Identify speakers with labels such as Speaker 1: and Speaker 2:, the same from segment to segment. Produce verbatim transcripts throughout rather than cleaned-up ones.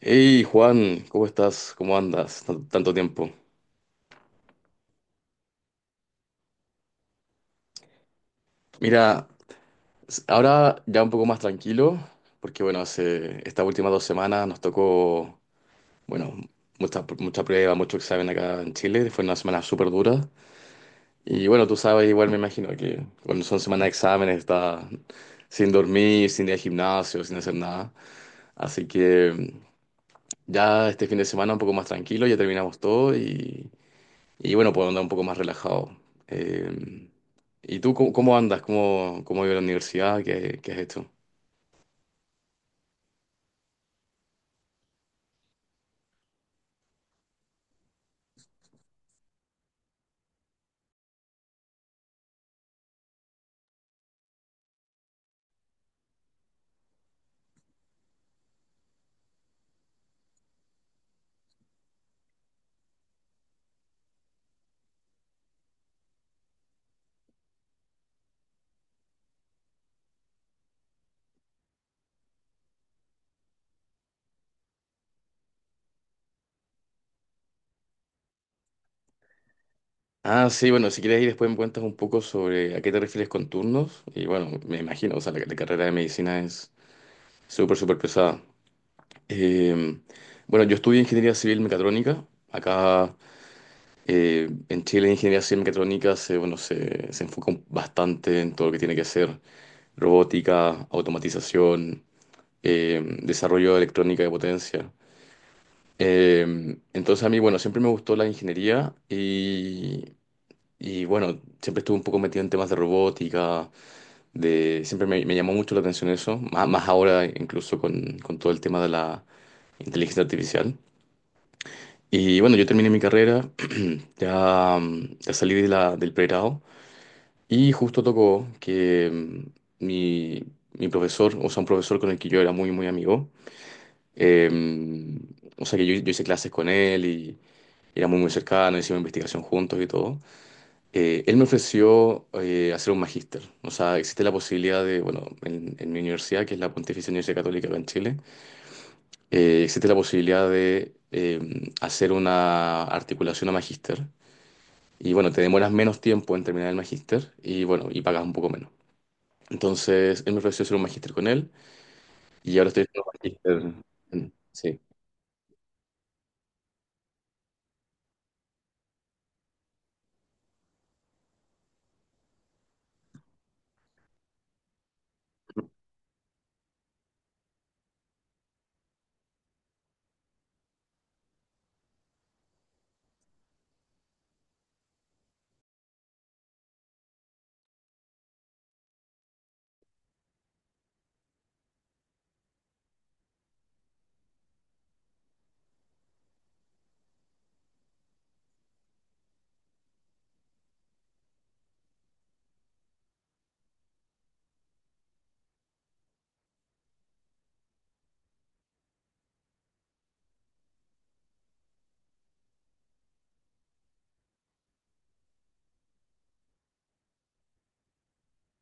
Speaker 1: Hey Juan, ¿cómo estás? ¿Cómo andas? Tan- Tanto tiempo. Mira, s- ahora ya un poco más tranquilo, porque bueno, hace estas últimas dos semanas nos tocó, bueno, mucha, mucha prueba, mucho examen acá en Chile, fue una semana súper dura. Y bueno, tú sabes, igual me imagino que cuando son semanas de exámenes estás sin dormir, sin ir al gimnasio, sin hacer nada. Así que mm, ya este fin de semana un poco más tranquilo, ya terminamos todo. Y bueno, puedo andar un poco más relajado. Eh, ¿Y tú cómo, cómo andas? ¿Cómo, cómo ha ido la universidad? ¿Qué, qué has hecho? Ah, sí, bueno, si quieres ir después me cuentas un poco sobre a qué te refieres con turnos. Y bueno, me imagino, o sea, la, la carrera de medicina es súper, súper pesada. Eh, bueno, yo estudié ingeniería civil mecatrónica. Acá, eh, en Chile, ingeniería civil mecatrónica se, bueno, se, se enfoca bastante en todo lo que tiene que ser robótica, automatización, eh, desarrollo de electrónica de potencia. Eh, entonces a mí, bueno, siempre me gustó la ingeniería y, y, bueno, siempre estuve un poco metido en temas de robótica, de, siempre me, me llamó mucho la atención eso, más, más ahora incluso con, con todo el tema de la inteligencia artificial. Y bueno, yo terminé mi carrera. ya, mm, ya salí de la, del pregrado y justo tocó que mm, mi, mi profesor, o sea, un profesor con el que yo era muy, muy amigo, eh, o sea que yo, yo hice clases con él y éramos muy cercanos, hicimos investigación juntos y todo. Eh, él me ofreció eh, hacer un magíster. O sea, existe la posibilidad de, bueno, en, en mi universidad, que es la Pontificia Universidad Católica acá en Chile, eh, existe la posibilidad de eh, hacer una articulación a magíster. Y bueno, te demoras menos tiempo en terminar el magíster y bueno, y pagas un poco menos. Entonces, él me ofreció hacer un magíster con él y ahora estoy haciendo un magíster. Sí.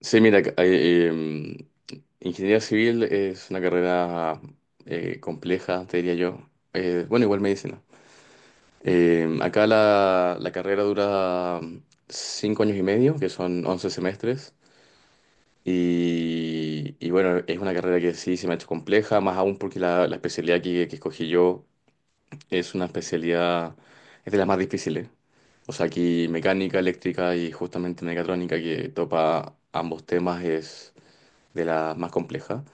Speaker 1: Sí, mira, ca- eh, em, ingeniería civil es una carrera eh, compleja, te diría yo. Eh, bueno, igual medicina. Em, acá la, la carrera dura mm, cinco años y medio, que son once semestres. Y, y bueno, es una carrera que sí se me ha hecho compleja, más aún porque la, la especialidad que, que escogí yo es una especialidad, es de las más difíciles. O sea, aquí mecánica, eléctrica y justamente mecatrónica que topa ambos temas es de las más complejas.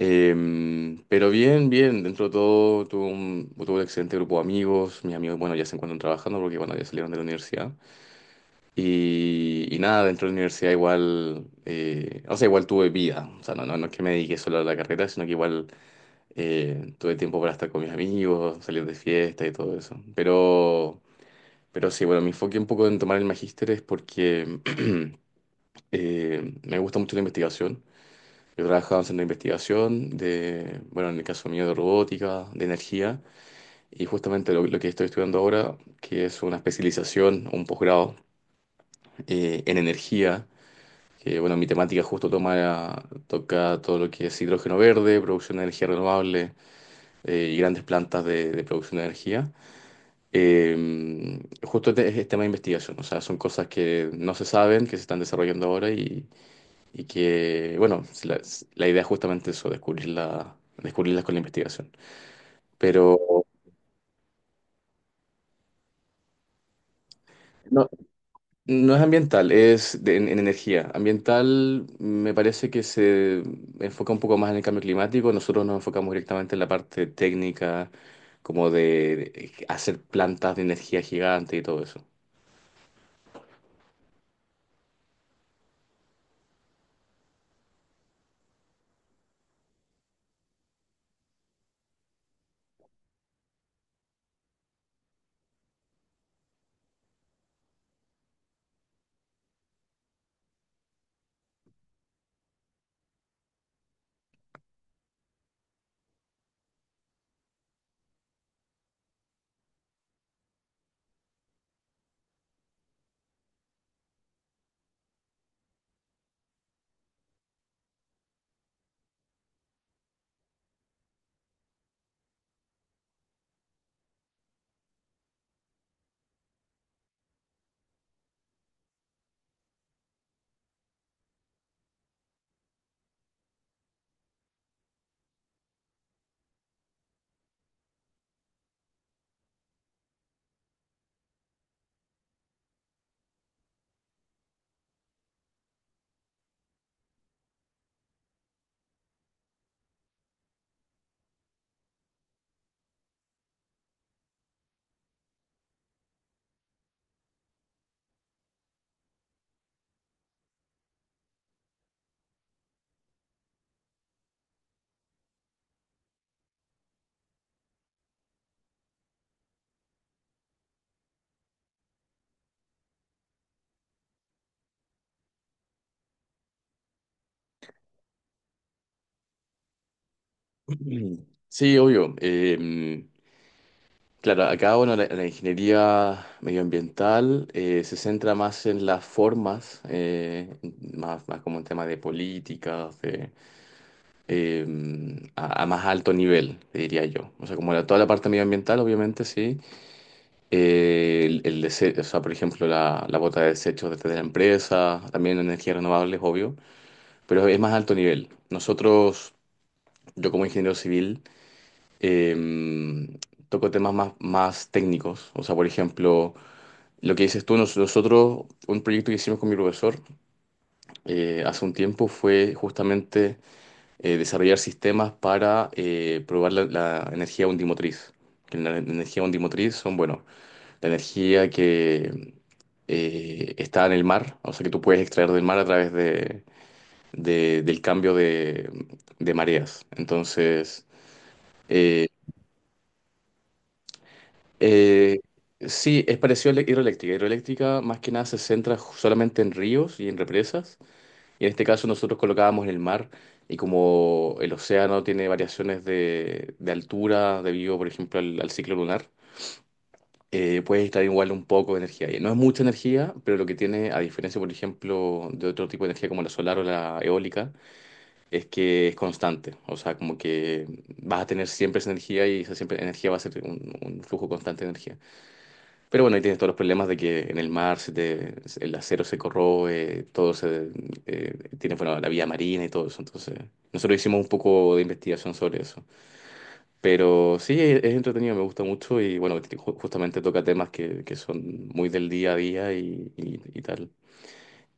Speaker 1: Eh, pero bien, bien, dentro de todo tuve un, tuve un excelente grupo de amigos, mis amigos, bueno, ya se encuentran trabajando porque, bueno, ya salieron de la universidad. Y, y nada, dentro de la universidad igual, eh, o sea, igual tuve vida, o sea, no, no, no es que me dediqué solo a la carrera, sino que igual eh, tuve tiempo para estar con mis amigos, salir de fiesta y todo eso. Pero, pero sí, bueno, me enfoqué un poco en tomar el magíster es porque eh, me gusta mucho la investigación. Yo trabajaba en una investigación de, bueno, en el caso mío de robótica, de energía, y justamente lo, lo que estoy estudiando ahora, que es una especialización, un posgrado eh, en energía, que bueno, mi temática justo toma, toca todo lo que es hidrógeno verde, producción de energía renovable eh, y grandes plantas de, de producción de energía. Eh, Justo este es tema de investigación, o sea, son cosas que no se saben, que se están desarrollando ahora y Y que, bueno, si la, si, la idea es justamente eso, descubrirla, descubrirlas con la investigación. Pero no, no es ambiental, es de- en, en energía. Ambiental me parece que se enfoca un poco más en el cambio climático. Nosotros nos enfocamos directamente en la parte técnica, como de, de hacer plantas de energía gigante y todo eso. Sí, obvio. em, Claro, acá bueno, la, la ingeniería medioambiental eh, se centra más en las formas, eh, más, más como en temas de políticas, de, eh, a, a más alto nivel, te diría yo. O sea, como la- toda la parte medioambiental, obviamente, sí. Eh, el, el dese- o sea, por ejemplo, la, la bota de desechos desde la empresa, también energías renovables, obvio, pero es más alto nivel. Nosotros, yo como ingeniero civil, eh, toco temas más, más técnicos. O sea, por ejemplo, lo que dices tú, nos- nosotros, un proyecto que hicimos con mi profesor eh, hace un tiempo fue justamente eh, desarrollar sistemas para eh, probar la, la energía undimotriz. Que la energía undimotriz son, bueno, la energía que eh, está en el mar, o sea, que tú puedes extraer del mar a través de, de- del cambio de, de mareas. Entonces, eh, eh, sí, es parecido a la hidroeléctrica. Hidroeléctrica más que nada se centra solamente en ríos y en represas. Y en este caso nosotros colocábamos en el mar y como el océano tiene variaciones de, de altura debido, por ejemplo, al, al ciclo lunar, eh, puedes estar igual un poco de energía ahí. No es mucha energía, pero lo que tiene, a diferencia, por ejemplo, de otro tipo de energía como la solar o la eólica, es que es constante. O sea, como que vas a tener siempre esa energía y esa siempre energía va a ser un un flujo constante de energía. Pero bueno, ahí tienes todos los problemas de que en el mar se te- el acero se corroe, todo se, eh, tiene bueno, la vía marina y todo eso. Entonces, nosotros hicimos un poco de investigación sobre eso. Pero sí, es, es entretenido, me gusta mucho y bueno, ju- justamente toca temas que, que son muy del día a día y, y- y tal.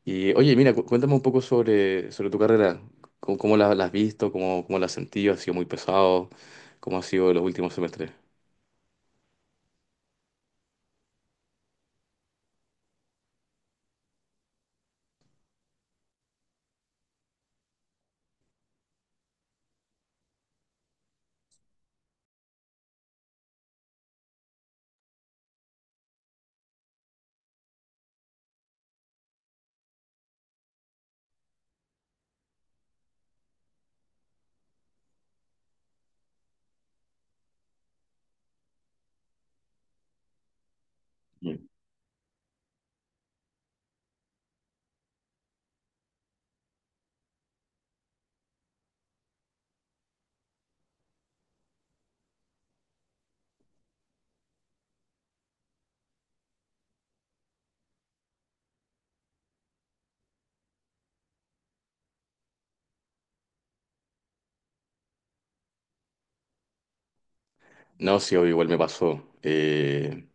Speaker 1: Y oye, mira, cu- cuéntame un poco sobre, sobre tu carrera. ¿Cómo, cómo la, la has visto? ¿Cómo, cómo la has sentido? ¿Ha sido muy pesado? ¿Cómo ha sido los últimos semestres? Mm. No, sí, obvio, igual me pasó. Eh,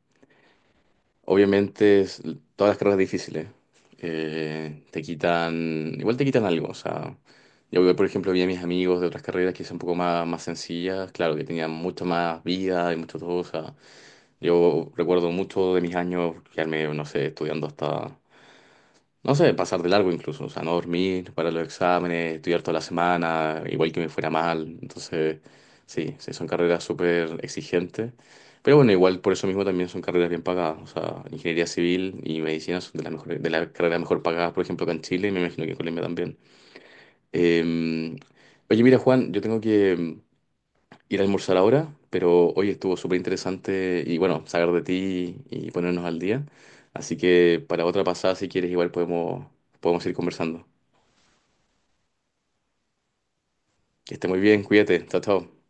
Speaker 1: Obviamente, es- todas las carreras difíciles eh, te quitan, igual te quitan algo. O sea, yo, por ejemplo, vi a mis amigos de otras carreras que son un poco más, más sencillas, claro, que tenían mucha más vida y mucho todo. O sea, yo recuerdo mucho de mis años quedarme, no sé, estudiando hasta no sé, pasar de largo incluso, o sea, no dormir para los exámenes, estudiar toda la semana, igual que me fuera mal. Entonces, sí, sí, son carreras súper exigentes. Pero bueno, igual por eso mismo también son carreras bien pagadas. O sea, ingeniería civil y medicina son de las mejores, de las carreras mejor pagadas, por ejemplo, acá en Chile y me imagino que en Colombia también. Eh, Oye, mira, Juan, yo tengo que ir a almorzar ahora, pero hoy estuvo súper interesante y bueno, saber de ti y ponernos al día. Así que para otra pasada, si quieres, igual podemos, podemos ir conversando. Que esté muy bien, cuídate, chao, chao.